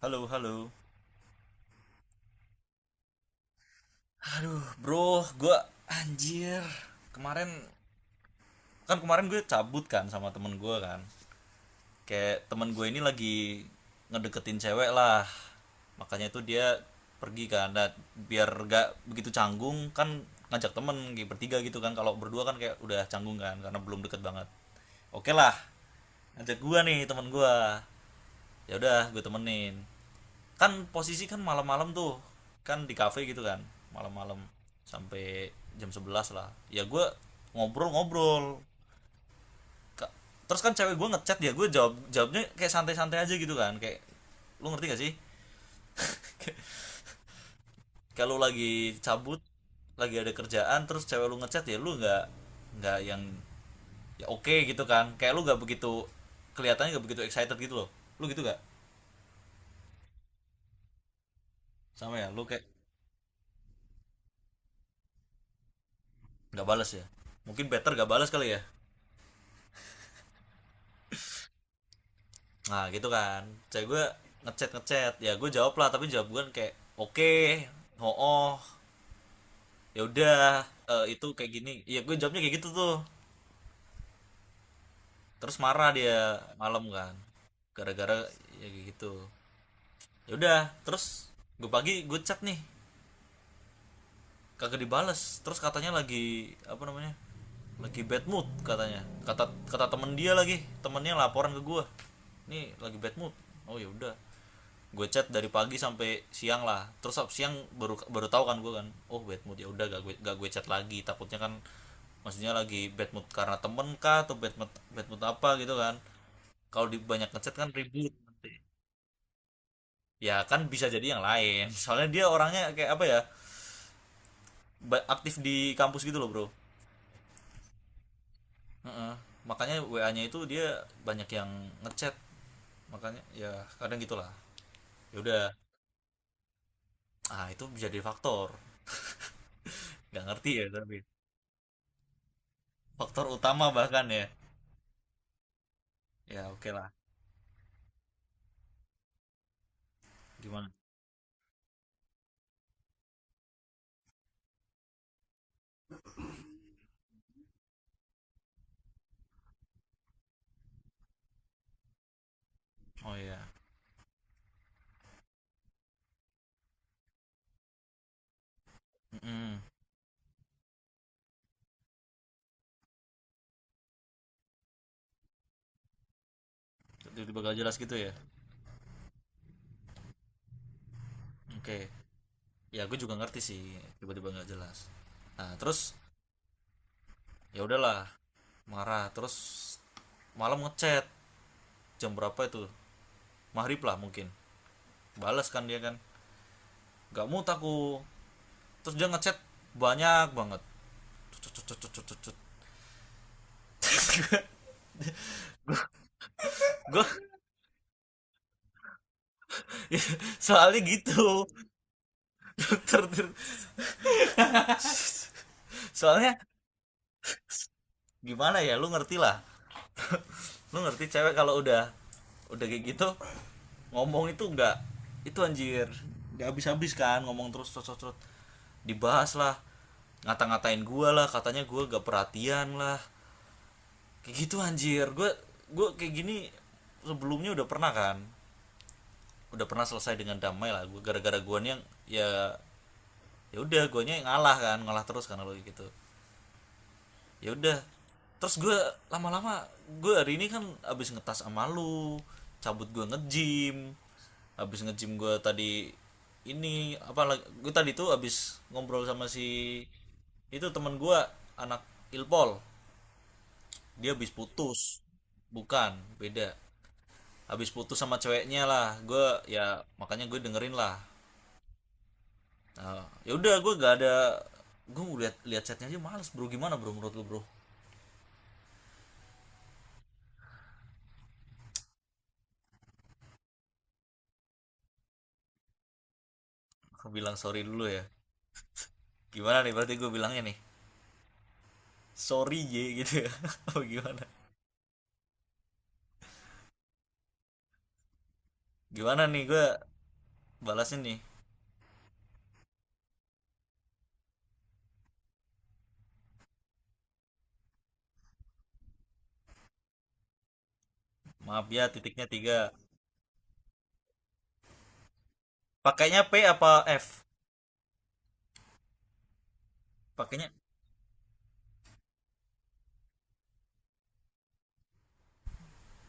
Halo, halo. Aduh, bro, gue anjir. Kemarin kemarin gue cabut kan sama temen gue kan. Kayak temen gue ini lagi ngedeketin cewek lah. Makanya itu dia pergi kan. Nah, biar gak begitu canggung kan ngajak temen kayak bertiga gitu kan. Kalau berdua kan kayak udah canggung kan karena belum deket banget. Oke lah. Ngajak gue nih temen gue, ya udah gue temenin, kan posisi kan malam-malam tuh, kan di kafe gitu kan, malam-malam sampai jam 11 lah ya. Gue ngobrol-ngobrol terus kan cewek gue ngechat, ya gue jawab, jawabnya kayak santai-santai aja gitu kan. Kayak, lu ngerti gak sih, kalau lagi cabut, lagi ada kerjaan terus cewek lu ngechat, ya lu nggak, nggak ya oke okay gitu kan, kayak lu nggak begitu, kelihatannya nggak begitu excited gitu loh. Lu gitu gak? Sama ya, lu kayak nggak balas ya, mungkin better gak balas kali ya. Nah gitu kan. Cewek gue ngechat ngechat, ya gue jawab lah, tapi jawab gue kan kayak oke, oh ya udah, eh, itu kayak gini. Ya gue jawabnya kayak gitu tuh. Terus marah dia, malam kan. Gara-gara ya kayak gitu. Ya udah, terus gue pagi gue chat nih, kagak dibales. Terus katanya lagi apa namanya, lagi bad mood katanya, kata kata temen dia, lagi temennya laporan ke gue, nih lagi bad mood. Oh ya udah, gue chat dari pagi sampai siang lah. Terus siang baru, baru tahu kan gue kan, oh bad mood, ya udah gak gue, gak gue chat lagi, takutnya kan maksudnya lagi bad mood karena temen kah atau bad mood apa gitu kan. Kalau di banyak ngechat kan, ya kan bisa jadi yang lain, soalnya dia orangnya kayak apa ya, aktif di kampus gitu loh bro. Heeh. Makanya WA-nya itu dia banyak yang ngechat, makanya ya kadang gitulah. Ya udah, ah itu bisa jadi faktor. Gak ngerti ya, tapi faktor utama bahkan ya. Ya oke lah. Gimana? Oh iya. Mm-mm. Tiba-tiba gak jelas gitu ya. Oke. Ya gue juga ngerti sih, tiba-tiba gak jelas. Nah terus, ya udahlah, marah. Terus malam ngechat, jam berapa itu, maghrib lah mungkin, balas kan dia kan, gak mood aku. Terus dia ngechat banyak banget. Cet, cet, cet, cet, cet, cet. Gue soalnya gitu, dokter. Soalnya gimana ya, lu ngerti lah. Lu ngerti cewek kalau udah kayak gitu ngomong itu enggak, itu anjir nggak habis habis kan ngomong, terus terus terus dibahas lah, ngata-ngatain gue lah, katanya gue gak perhatian lah, kayak gitu anjir. Gue kayak gini sebelumnya udah pernah kan, udah pernah selesai dengan damai lah. Gue gara-gara gua nih yang ya, ya udah guanya ngalah kan, ngalah terus karena lo gitu. Ya udah, terus gue lama-lama. Gue hari ini kan abis ngetas sama lu, cabut gue nge-gym. Abis nge-gym gue tadi, ini apa, gue tadi tuh abis ngobrol sama si itu, teman gue, anak ilpol, dia abis putus. Bukan, beda, abis putus sama ceweknya lah. Gue ya makanya gue dengerin lah. Nah, ya udah gue gak ada, gue lihat lihat chatnya aja males bro. Gimana bro, menurut lu bro? Aku bilang sorry dulu ya. Gimana nih berarti gue bilangnya nih? Sorry J gitu ya. Apa gimana? Gimana nih gue balasnya nih? Maaf ya, titiknya tiga. Pakainya P apa F? Pakainya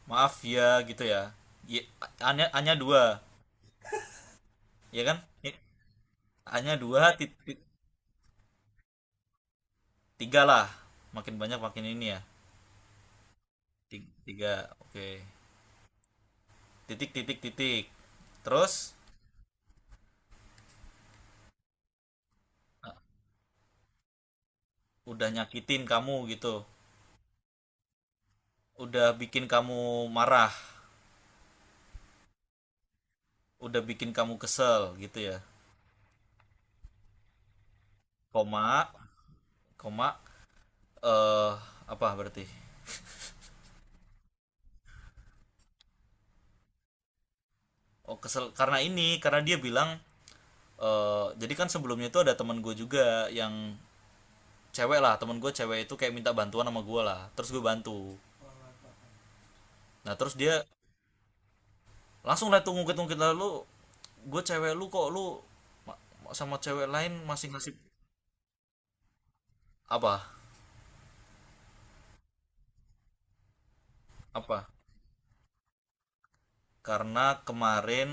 maaf ya gitu ya. Ya, hanya hanya dua, ya kan? Ya, hanya dua titik, tiga lah. Makin banyak makin ini ya. Ti- Tiga, oke. Titik titik titik. Terus, uh, udah nyakitin kamu gitu. Udah bikin kamu marah, udah bikin kamu kesel gitu ya. Koma, koma, eh apa berarti, oh kesel karena ini, karena dia bilang, eh jadi kan sebelumnya itu ada teman gue juga yang cewek lah, teman gue cewek itu kayak minta bantuan sama gue lah, terus gue bantu. Nah terus dia langsung lah tuh ngungkit-ngungkit lah, lu gue cewek lu kok lu sama cewek lain masih ngasih apa apa. Karena kemarin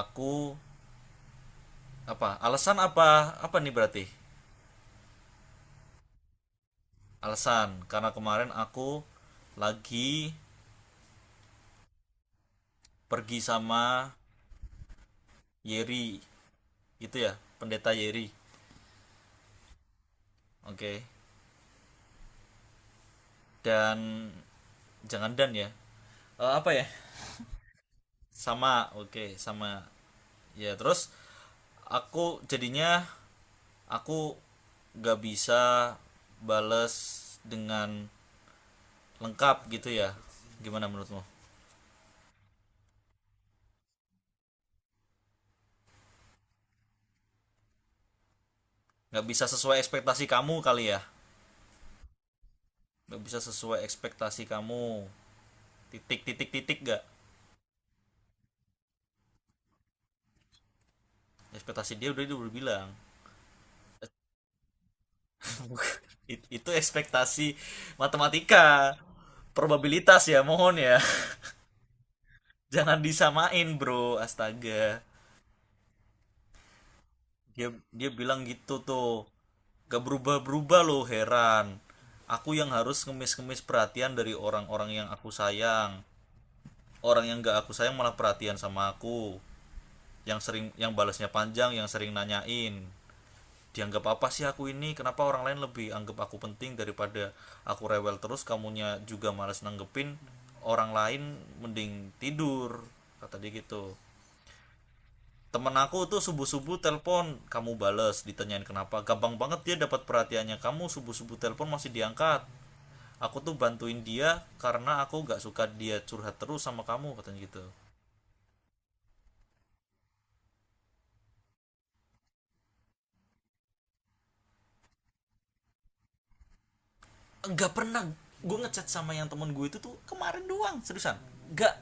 aku apa, alasan apa apa nih berarti, alasan karena kemarin aku lagi pergi sama Yeri, gitu ya, pendeta Yeri. Oke. Okay. Dan, jangan dan ya. Eh, apa ya, sama, oke okay, sama. Ya terus aku jadinya, aku gak bisa bales dengan lengkap gitu ya, gimana menurutmu? Gak bisa sesuai ekspektasi kamu kali ya. Gak bisa sesuai ekspektasi kamu, titik titik titik, gak? Ekspektasi dia udah, dia udah bilang. Itu ekspektasi matematika, probabilitas ya, mohon ya. Jangan disamain bro, astaga. Dia, dia bilang gitu tuh, gak berubah-berubah loh, heran. Aku yang harus ngemis-ngemis perhatian dari orang-orang yang aku sayang. Orang yang gak aku sayang malah perhatian sama aku. Yang sering, yang balasnya panjang, yang sering nanyain. Dianggap apa sih aku ini, kenapa orang lain lebih anggap aku penting daripada, aku rewel terus, kamunya juga malas nanggepin orang lain, mending tidur, kata dia gitu. Temen aku tuh subuh subuh telepon kamu bales, ditanyain kenapa gampang banget dia dapat perhatiannya, kamu subuh subuh telepon masih diangkat. Aku tuh bantuin dia karena aku gak suka dia curhat terus sama kamu, katanya gitu. Nggak pernah gue ngechat sama yang temen gue itu tuh kemarin doang, seriusan nggak.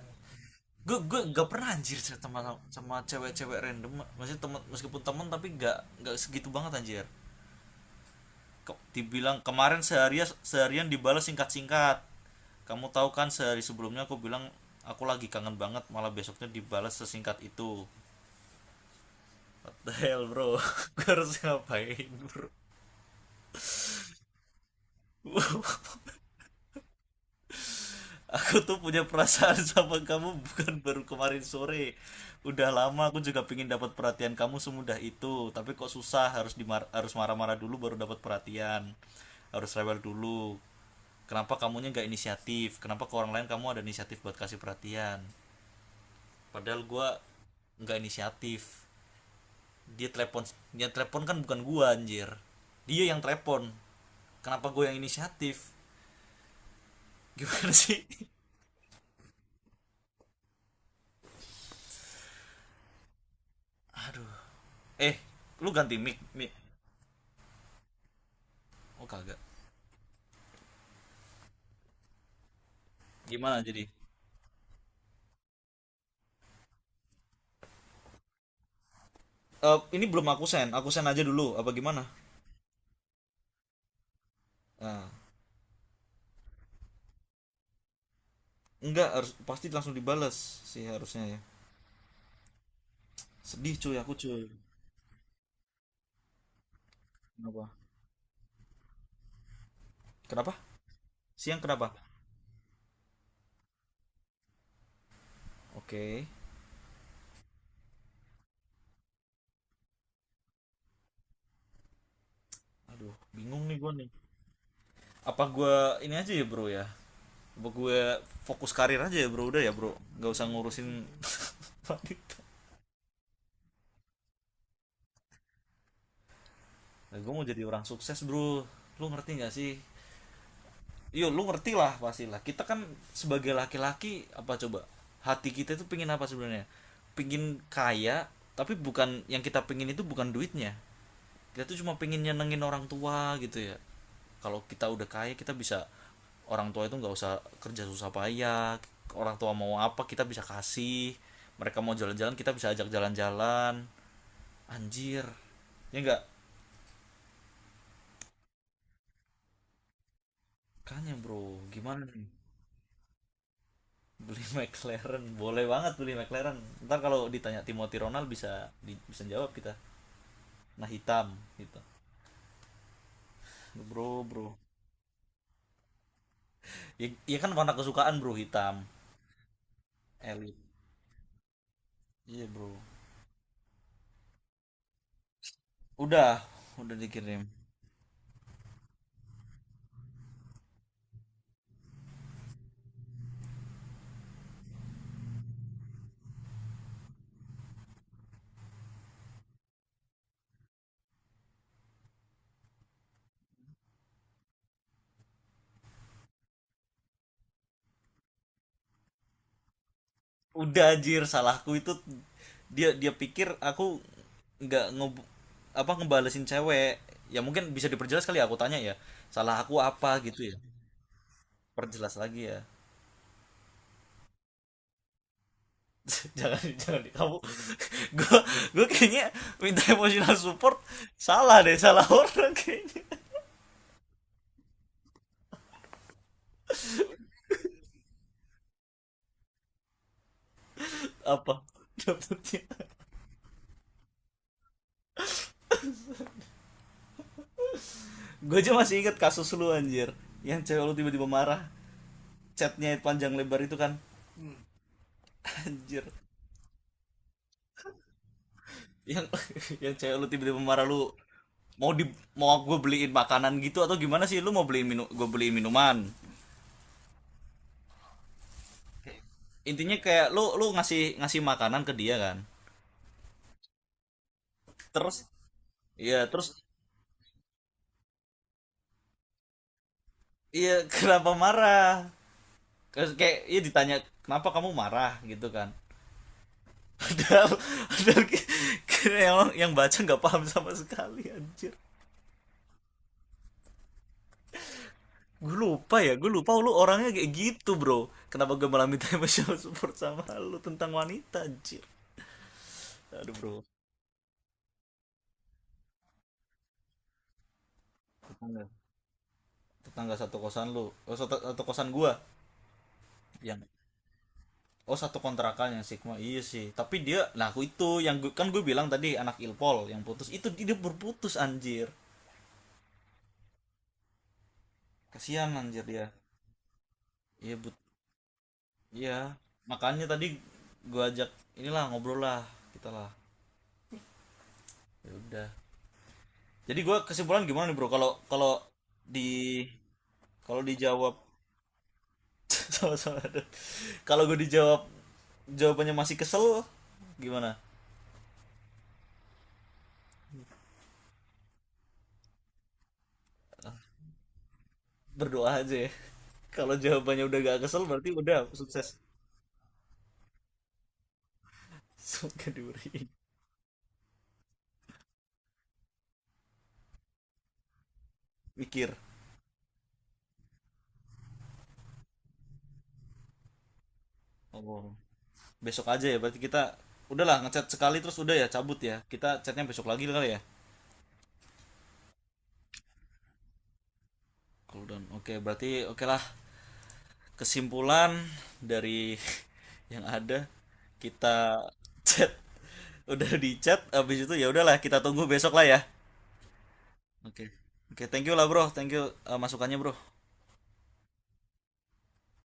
Gue gak pernah anjir sama, sama cewek-cewek random, masih teman, meskipun teman tapi gak segitu banget anjir. Ke- dibilang kemarin seharian seharian dibalas singkat-singkat. Kamu tahu kan sehari sebelumnya aku bilang aku lagi kangen banget, malah besoknya dibalas sesingkat itu. What the hell bro, gue harus ngapain bro? Aku tuh punya perasaan sama kamu bukan baru kemarin sore. Udah lama aku juga pingin dapat perhatian kamu semudah itu, tapi kok susah, harus marah-marah dulu baru dapat perhatian. Harus rewel dulu. Kenapa kamunya nggak inisiatif? Kenapa ke orang lain kamu ada inisiatif buat kasih perhatian? Padahal gua nggak inisiatif. Dia telepon kan bukan gua anjir. Dia yang telepon. Kenapa gue yang inisiatif? Gimana sih? Aduh, eh, lu ganti mic, mic. Oh kagak. Gimana jadi? Eh, ini belum aku send, aku send aja dulu apa gimana. Nah, enggak harus pasti langsung dibales sih harusnya ya. Sedih cuy, aku cuy. Kenapa, kenapa siang, kenapa? Oke. Aduh bingung nih gua nih, apa gua, ini aja ya bro ya, apa gue fokus karir aja ya bro, udah ya bro nggak usah ngurusin wanita. Nah, gue mau jadi orang sukses bro. Lu ngerti nggak sih? Yo lu ngerti lah pasti lah. Kita kan sebagai laki-laki apa coba, hati kita itu pingin apa sebenarnya? Pingin kaya, tapi bukan yang kita pingin itu bukan duitnya. Kita tuh cuma pingin nyenengin orang tua gitu ya. Kalau kita udah kaya, kita bisa, orang tua itu nggak usah kerja susah payah. Orang tua mau apa kita bisa kasih. Mereka mau jalan-jalan, kita bisa ajak jalan-jalan. Anjir. Ya enggak? Kayaknya bro, gimana nih? Beli McLaren, boleh banget beli McLaren. Ntar kalau ditanya Timothy Ronald bisa di- bisa jawab kita, nah hitam, gitu. Bro, bro, ya, ya kan warna kesukaan bro hitam, elit. Iya bro. udah udah dikirim. Udah anjir, salahku itu. Dia, dia pikir aku nggak nge, apa, ngebalesin cewek. Ya mungkin bisa diperjelas kali ya, aku tanya ya, salah aku apa gitu ya. Perjelas lagi ya. Jangan, jangan di- kamu, gue gue kayaknya minta emotional support, salah deh, salah orang kayaknya. Apa dapetnya? Gue aja masih inget kasus lu anjir, yang cewek lu tiba-tiba marah, chatnya panjang lebar itu kan, anjir. Yang yang cewek lu tiba-tiba marah, lu mau di, mau gue beliin makanan gitu atau gimana sih, lu mau beliin minum, gue beliin minuman. Intinya kayak lu, lu ngasih, ngasih makanan ke dia kan. Terus, iya terus, iya. Kenapa marah, kayak ya ditanya kenapa kamu marah gitu kan. Padahal, padahal yang baca nggak paham sama sekali anjir. Gue lupa ya, gue lupa lu orangnya kayak gitu bro, kenapa gue malah minta emotional support sama lu tentang wanita anjir. Aduh bro. Tetangga, tetangga satu kosan lu, oh satu, satu kosan gue, yang, oh satu kontrakan yang Sigma, iya sih tapi dia, nah aku itu yang gua- kan gue bilang tadi anak Ilpol yang putus itu dia berputus anjir. Kasihan anjir dia. Iya bu. Iya, makanya tadi gue ajak inilah, ngobrol lah kita lah. Ya udah. Jadi gue, kesimpulan gimana nih bro? Kalau kalau di, kalau dijawab, sama-sama. Aduh. Kalau gue dijawab jawabannya masih kesel, gimana? Berdoa aja ya. Kalau jawabannya udah gak kesel berarti udah sukses. Suka diberi. Mikir. Oh. Besok aja ya berarti kita udahlah ngechat sekali terus udah ya, cabut ya. Kita chatnya besok lagi kali ya. Cool down. Oke, berarti oke lah, kesimpulan dari yang ada, kita chat, udah di chat abis itu ya udahlah, kita tunggu besok lah ya. Oke, oke thank you lah bro, thank you eh, masukannya bro.